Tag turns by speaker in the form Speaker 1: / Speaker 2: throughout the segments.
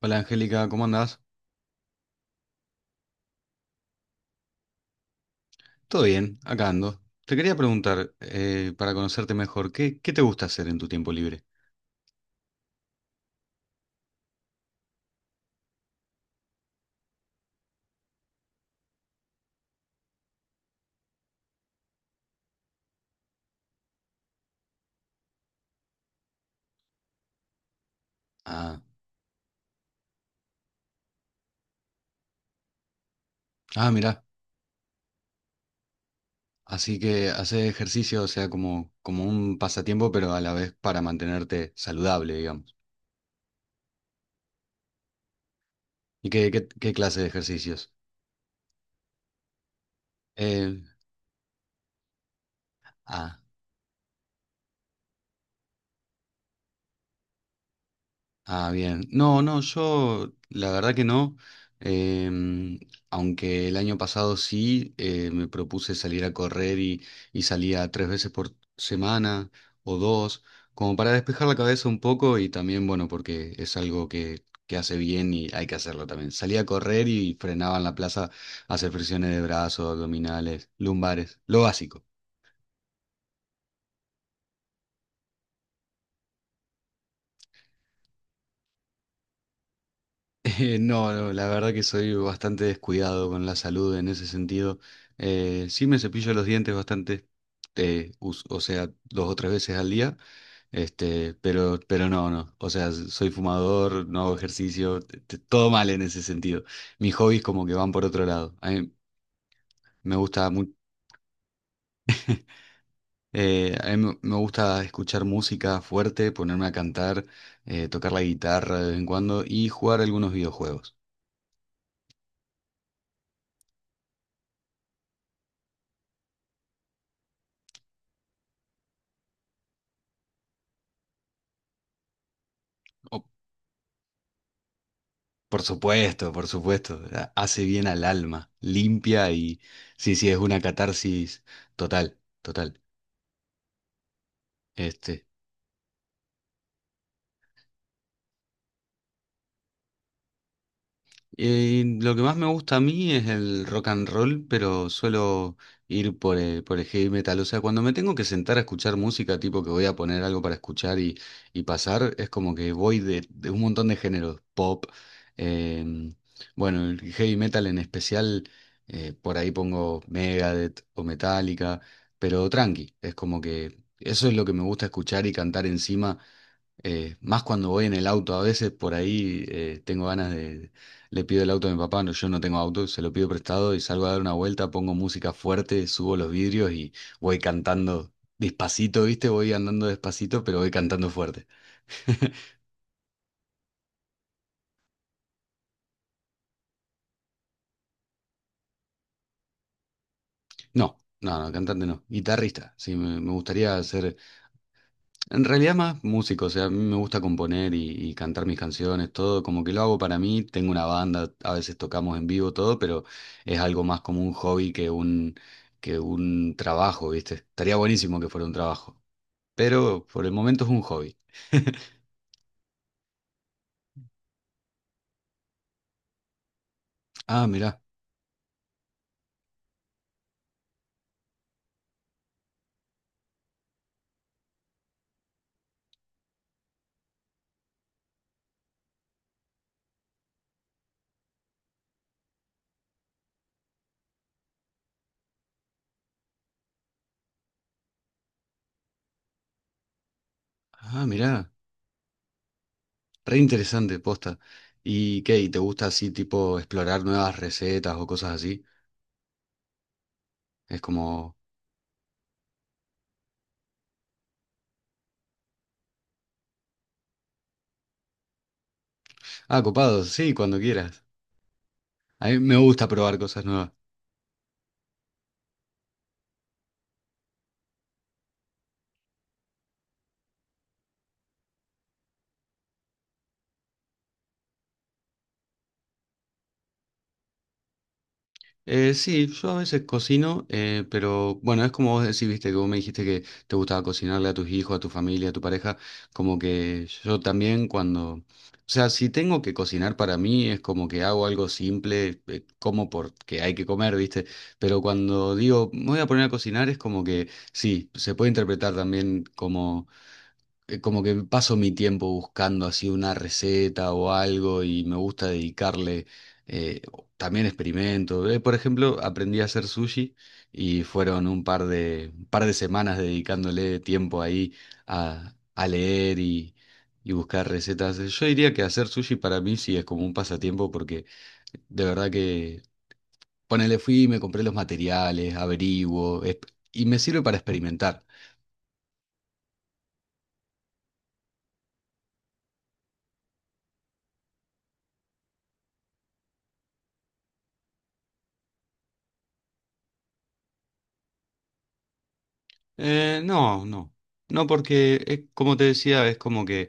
Speaker 1: Hola Angélica, ¿cómo andás? Todo bien, acá ando. Te quería preguntar, para conocerte mejor, ¿qué te gusta hacer en tu tiempo libre? Ah, ah, mirá, así que hacer ejercicio, o sea, como un pasatiempo, pero a la vez para mantenerte saludable, digamos. ¿Y qué clase de ejercicios? Eh, ah. Ah, bien. No, no, yo la verdad que no. Em, aunque el año pasado sí me propuse salir a correr y salía tres veces por semana o dos, como para despejar la cabeza un poco y también, bueno, porque es algo que hace bien y hay que hacerlo también. Salía a correr y frenaba en la plaza a hacer flexiones de brazos, abdominales, lumbares, lo básico. No, no, la verdad que soy bastante descuidado con la salud en ese sentido. Sí me cepillo los dientes bastante, o sea, dos o tres veces al día, pero no, no. O sea, soy fumador, no hago ejercicio, todo mal en ese sentido. Mis hobbies como que van por otro lado. Me gusta mu- a mí me gusta escuchar música fuerte, ponerme a cantar, tocar la guitarra de vez en cuando y jugar algunos videojuegos. Por supuesto, por supuesto. Hace bien al alma, limpia y sí, sí, es una catarsis total, total. Este, lo que más me gusta a mí es el rock and roll, pero suelo ir por el heavy metal. O sea, cuando me tengo que sentar a escuchar música, tipo que voy a poner algo para escuchar y pasar, es como que voy de un montón de géneros. Pop, em, bueno, el heavy metal en especial, por ahí pongo Megadeth o Metallica, pero tranqui, es como que eso es lo que me gusta escuchar y cantar encima. Más cuando voy en el auto, a veces por ahí tengo ganas de le pido el auto a mi papá, no, yo no tengo auto, se lo pido prestado y salgo a dar una vuelta, pongo música fuerte, subo los vidrios y voy cantando despacito, ¿viste? Voy andando despacito, pero voy cantando fuerte. No, no, no, cantante no, guitarrista, sí, me gustaría ser. En realidad más músico, o sea, a mí me gusta componer y cantar mis canciones, todo, como que lo hago para mí, tengo una banda, a veces tocamos en vivo todo, pero es algo más como un hobby que un trabajo, ¿viste? Estaría buenísimo que fuera un trabajo, pero por el momento es un hobby. Ah, mirá, ah, mirá, re interesante, posta. ¿Y qué? ¿Y te gusta así tipo explorar nuevas recetas o cosas así? Es como, ah, copado, sí, cuando quieras. A mí me gusta probar cosas nuevas. Sí, yo a veces cocino, pero bueno, es como vos decís, viste, que vos me dijiste que te gustaba cocinarle a tus hijos, a tu familia, a tu pareja, como que yo también cuando, o sea, si tengo que cocinar para mí es como que hago algo simple, como porque hay que comer, viste, pero cuando digo, me voy a poner a cocinar es como que sí, se puede interpretar también como que paso mi tiempo buscando así una receta o algo y me gusta dedicarle, eh, también experimento. Por ejemplo, aprendí a hacer sushi y fueron un par de semanas dedicándole tiempo ahí a leer y buscar recetas. Yo diría que hacer sushi para mí sí es como un pasatiempo porque de verdad que... Ponele, fui, y me compré los materiales, y me sirve para experimentar. No, no. No, porque es, como te decía, es como que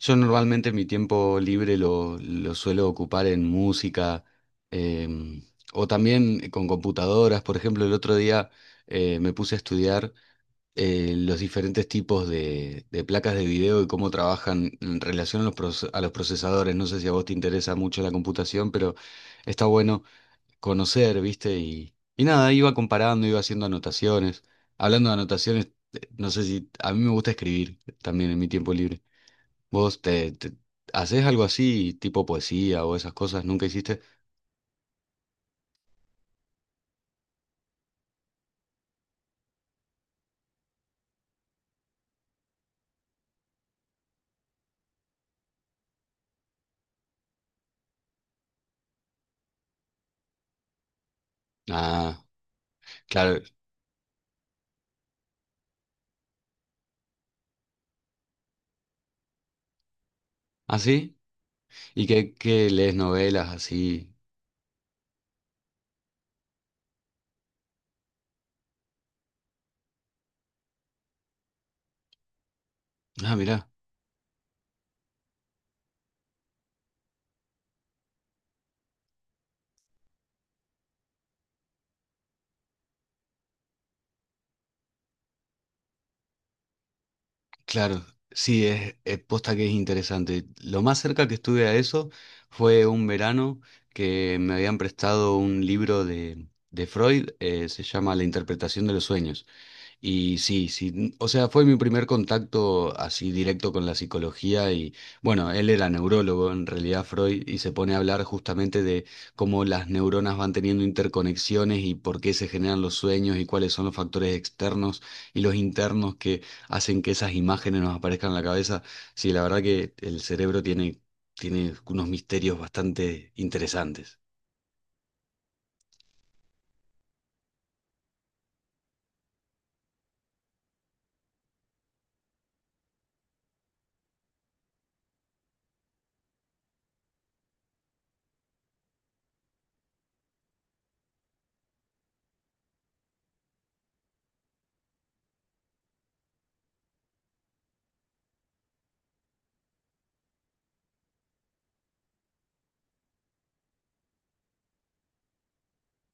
Speaker 1: yo normalmente mi tiempo libre lo suelo ocupar en música em, o también con computadoras. Por ejemplo, el otro día me puse a estudiar los diferentes tipos de placas de video y cómo trabajan en relación a los, a los procesadores. No sé si a vos te interesa mucho la computación, pero está bueno conocer, ¿viste? Y nada, iba comparando, iba haciendo anotaciones. Hablando de anotaciones, no sé si a mí me gusta escribir también en mi tiempo libre. ¿Vos te, te- ¿haces algo así, tipo poesía o esas cosas? ¿Nunca hiciste? Ah, claro. ¿Ah, sí? ¿Y qué lees novelas así? Ah, mirá. Claro, sí, es posta que es interesante. Lo más cerca que estuve a eso fue un verano que me habían prestado un libro de Freud, se llama La interpretación de los sueños. Y sí, sí, o sea, fue mi primer contacto así directo con la psicología y bueno, él era neurólogo en realidad Freud y se pone a hablar justamente de cómo las neuronas van teniendo interconexiones y por qué se generan los sueños y cuáles son los factores externos y los internos que hacen que esas imágenes nos aparezcan en la cabeza. Sí, la verdad que el cerebro tiene unos misterios bastante interesantes.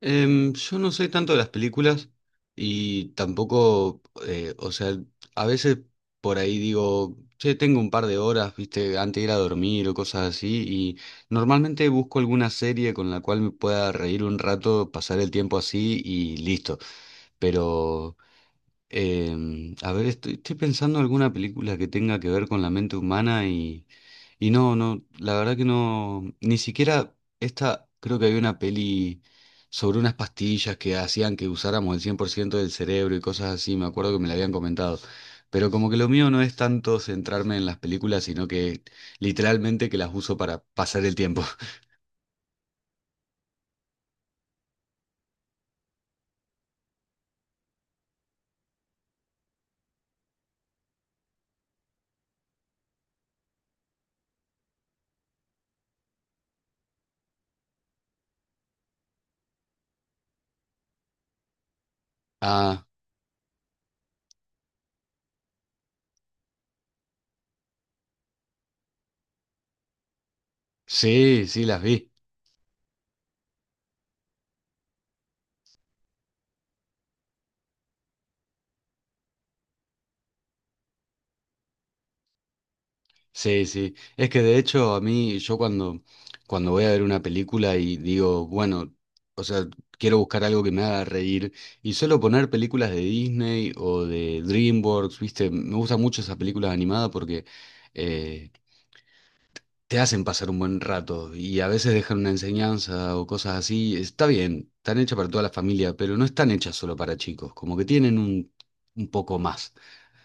Speaker 1: Yo no soy tanto de las películas y tampoco, o sea, a veces por ahí digo, che, tengo un par de horas, viste, antes de ir a dormir o cosas así, y normalmente busco alguna serie con la cual me pueda reír un rato, pasar el tiempo así y listo. Pero a ver, estoy pensando alguna película que tenga que ver con la mente humana y no, no, la verdad que no, ni siquiera esta, creo que había una peli sobre unas pastillas que hacían que usáramos el 100% del cerebro y cosas así, me acuerdo que me la habían comentado, pero como que lo mío no es tanto centrarme en las películas, sino que literalmente que las uso para pasar el tiempo. Ah, sí, sí, las vi. Sí, sí. Es que de hecho a mí, yo cuando voy a ver una película y digo, bueno, o sea, quiero buscar algo que me haga reír y suelo poner películas de Disney o de DreamWorks, ¿viste? Me gustan mucho esas películas animadas porque eh, te hacen pasar un buen rato y a veces dejan una enseñanza o cosas así. Está bien, están hechas para toda la familia, pero no están hechas solo para chicos, como que tienen un poco más.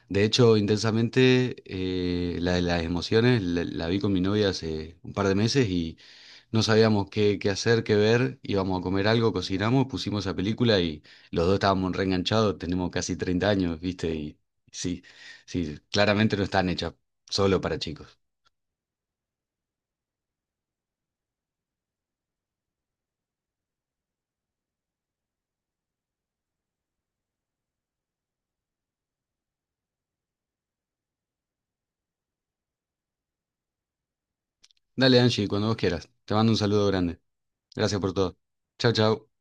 Speaker 1: De hecho, intensamente, la de las emociones la vi con mi novia hace un par de meses y no sabíamos qué hacer, qué ver. Íbamos a comer algo, cocinamos, pusimos esa película y los dos estábamos reenganchados. Tenemos casi 30 años, ¿viste? Y sí, sí, claramente no están hechas solo para chicos. Dale, Angie, cuando vos quieras. Te mando un saludo grande. Gracias por todo. Chau, chau.